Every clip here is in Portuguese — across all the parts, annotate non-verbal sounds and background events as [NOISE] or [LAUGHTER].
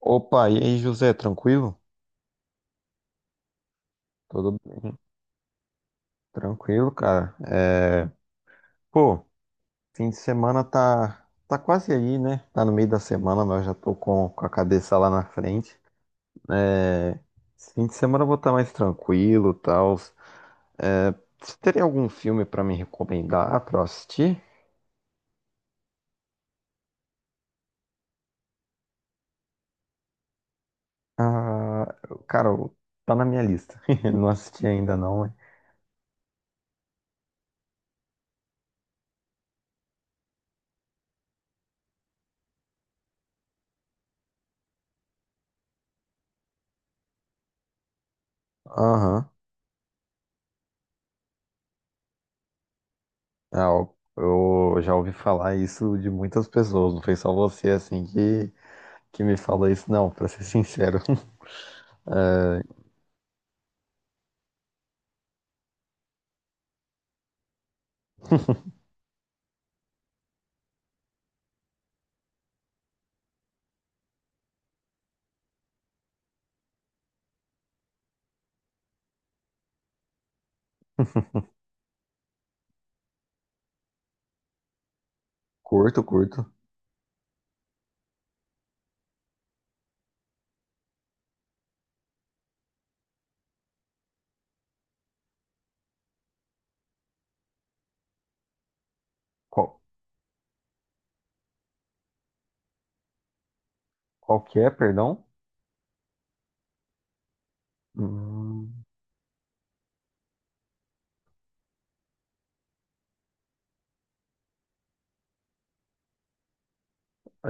Opa, e aí, José, tranquilo? Tudo bem? Tranquilo, cara. Pô, fim de semana tá quase aí, né? Tá no meio da semana, mas eu já tô com a cabeça lá na frente. É, esse fim de semana eu vou estar mais tranquilo, tal. É, você teria algum filme pra me recomendar pra eu assistir? Ah, cara, tá na minha lista. [LAUGHS] Não assisti ainda não, mas... Aham. Ah, eu já ouvi falar isso de muitas pessoas, não foi só você, assim, que me fala isso, não, pra ser sincero. [LAUGHS] É, curto, curto. Qual, qual que é, perdão? Hum,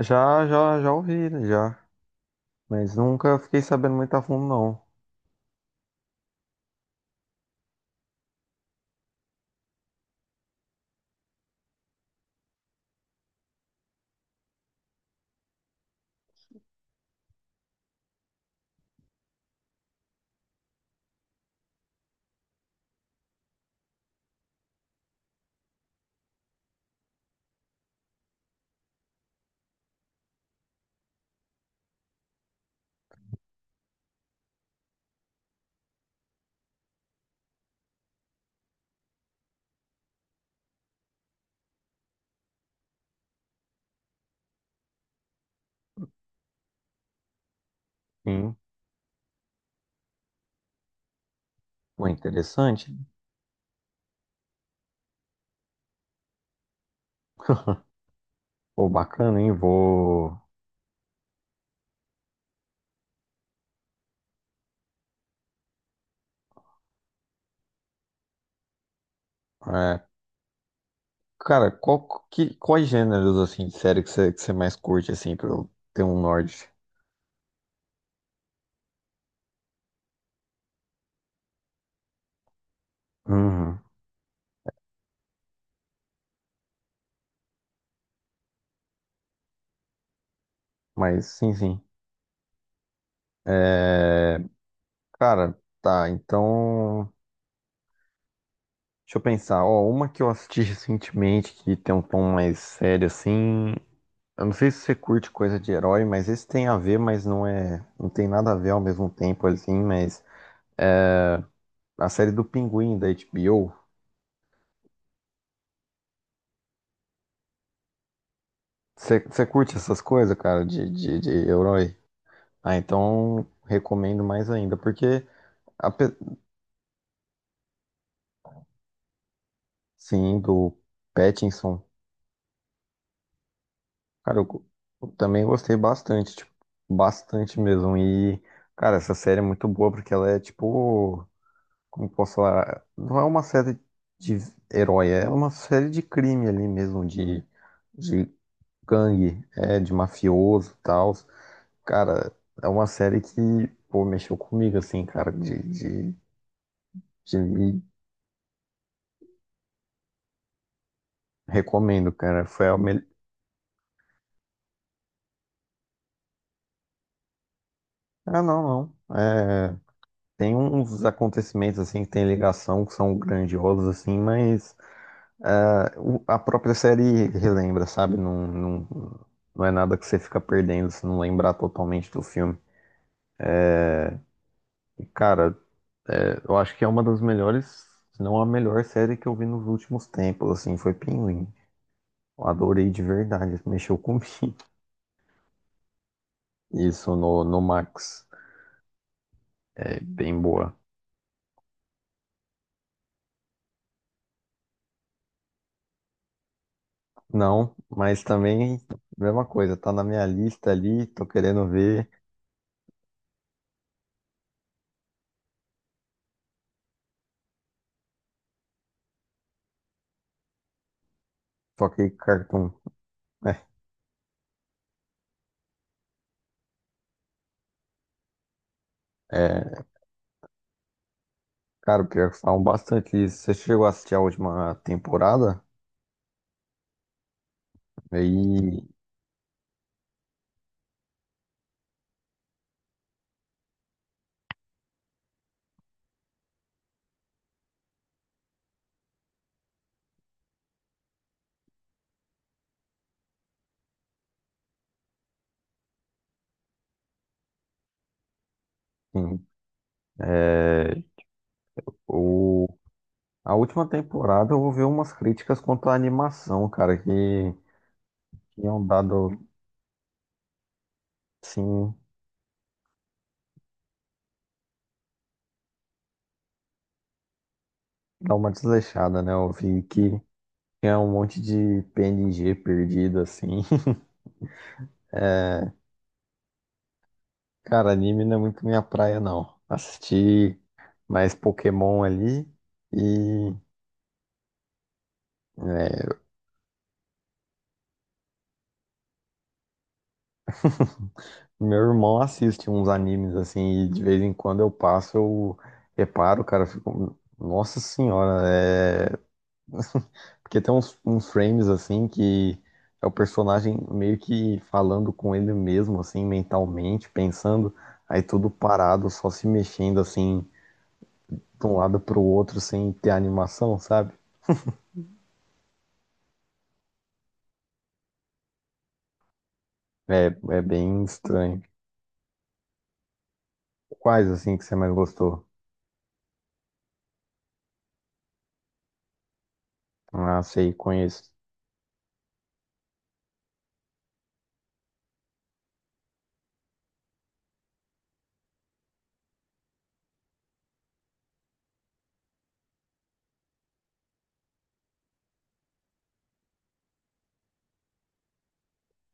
já, já, já ouvi, né, já. Mas nunca fiquei sabendo muito a fundo, não. Sim. Pô, interessante. [LAUGHS] Pô, bacana, hein? Vou. é, cara, quais gêneros, assim, de série que você mais curte, assim, pra eu ter um norte? Uhum. Mas, sim, sim. É, cara, tá, então. Deixa eu pensar, ó, uma que eu assisti recentemente que tem um tom mais sério assim. Eu não sei se você curte coisa de herói, mas esse tem a ver, mas não é, não tem nada a ver ao mesmo tempo assim, mas a série do Pinguim da HBO. Você curte essas coisas, cara, de herói? Ah, então recomendo mais ainda, porque a, pe- sim, do Pattinson, cara, eu também gostei bastante, tipo, bastante mesmo. E, cara, essa série é muito boa porque ela é tipo como posso falar, não é uma série de herói, é uma série de crime ali mesmo, de gangue, é, de mafioso e tal. Cara, é uma série que, pô, mexeu comigo, assim, cara, de, de me recomendo, cara. Foi a melhor. Ah, não, não. É, tem uns acontecimentos, assim, que tem ligação, que são grandiosos, assim, mas. Ah, a própria série relembra, sabe? Não, não, não é nada que você fica perdendo se não lembrar totalmente do filme. E, cara, é, eu acho que é uma das melhores, se não a melhor série que eu vi nos últimos tempos, assim, foi Pinguim. Eu adorei de verdade, mexeu comigo. [LAUGHS] Isso no, no Max, é bem boa. Não, mas também, mesma coisa, tá na minha lista ali, tô querendo ver, só que Cartoon. Né? É, cara, pior que falam bastante isso. Você chegou a assistir a última temporada? Aí, enfim, é, o, a última temporada eu ouvi umas críticas quanto à animação, cara, que tinham dado, sim, dar uma desleixada, né? Eu vi que tinha um monte de PNG perdido, assim. [LAUGHS] Cara, anime não é muito minha praia, não. Assisti mais Pokémon ali e. é, meu irmão assiste uns animes assim, e de vez em quando eu passo, eu reparo, cara, eu fico, nossa senhora, é. Porque tem uns, uns frames assim que é o personagem meio que falando com ele mesmo, assim, mentalmente, pensando, aí tudo parado, só se mexendo assim, de um lado pro outro, sem ter animação, sabe? É, é bem estranho. Quais assim que você mais gostou? Ah, sei, conheço.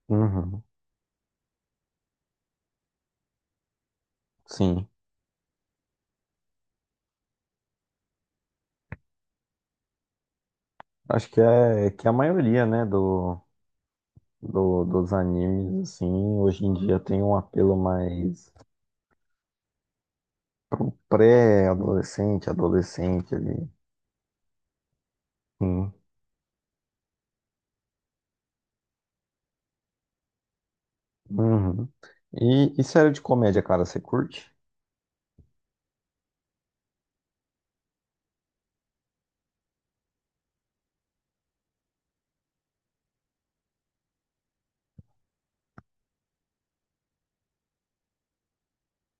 Uhum, sim. Acho que é a maioria, né, do. Dos animes, assim, hoje em dia tem um apelo mais pré-adolescente, adolescente ali. Sim. Uhum. E série de comédia, cara, você curte?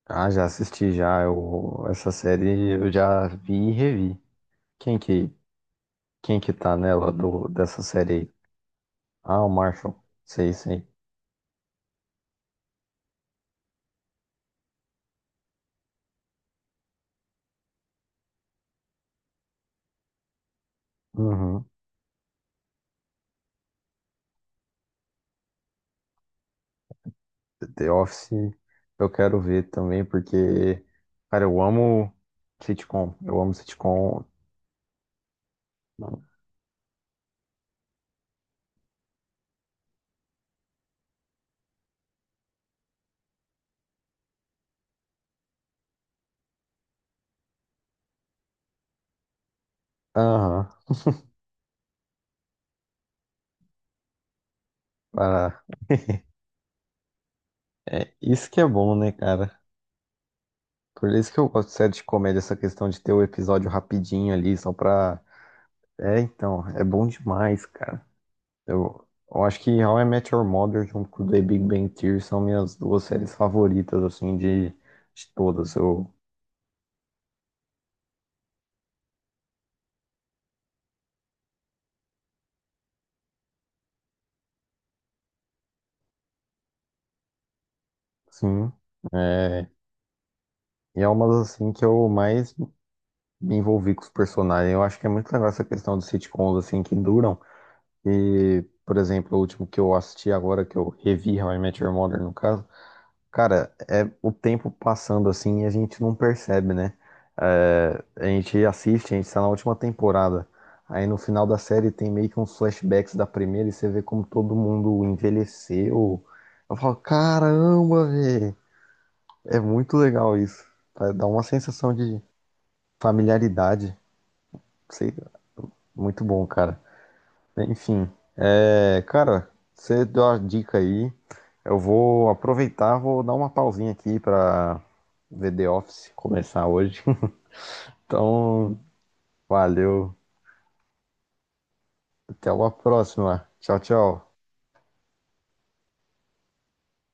Ah, já assisti já. Eu, essa série eu já vi e revi. Quem que, quem que tá nela do, dessa série aí? Ah, o Marshall. Sei, sei. Uhum. The Office eu quero ver também, porque, cara, eu amo sitcom. Eu amo sitcom. Aham. para É, isso que é bom, né, cara? Por isso que eu gosto de série de comédia, essa questão de ter o episódio rapidinho ali, só pra. É, então, é bom demais, cara. Eu acho que How I Met Your Mother junto com The Big Bang Theory são minhas duas séries favoritas, assim, de todas. Eu, sim. É, e é uma das, assim, que eu mais me envolvi com os personagens. Eu acho que é muito legal essa questão dos sitcoms, assim, que duram. E, por exemplo, o último que eu assisti agora, que eu revi How I Met Your Mother, no caso. Cara, é o tempo passando assim e a gente não percebe, né? É, a gente assiste, a gente tá na última temporada. Aí no final da série tem meio que uns flashbacks da primeira e você vê como todo mundo envelheceu. Eu falo, caramba, velho. É muito legal isso. Tá, dá uma sensação de familiaridade. Sei, muito bom, cara. Enfim, é, cara, você deu a dica aí. Eu vou aproveitar, vou dar uma pausinha aqui pra ver The Office começar hoje. [LAUGHS] Então, valeu. Até uma próxima. Tchau, tchau.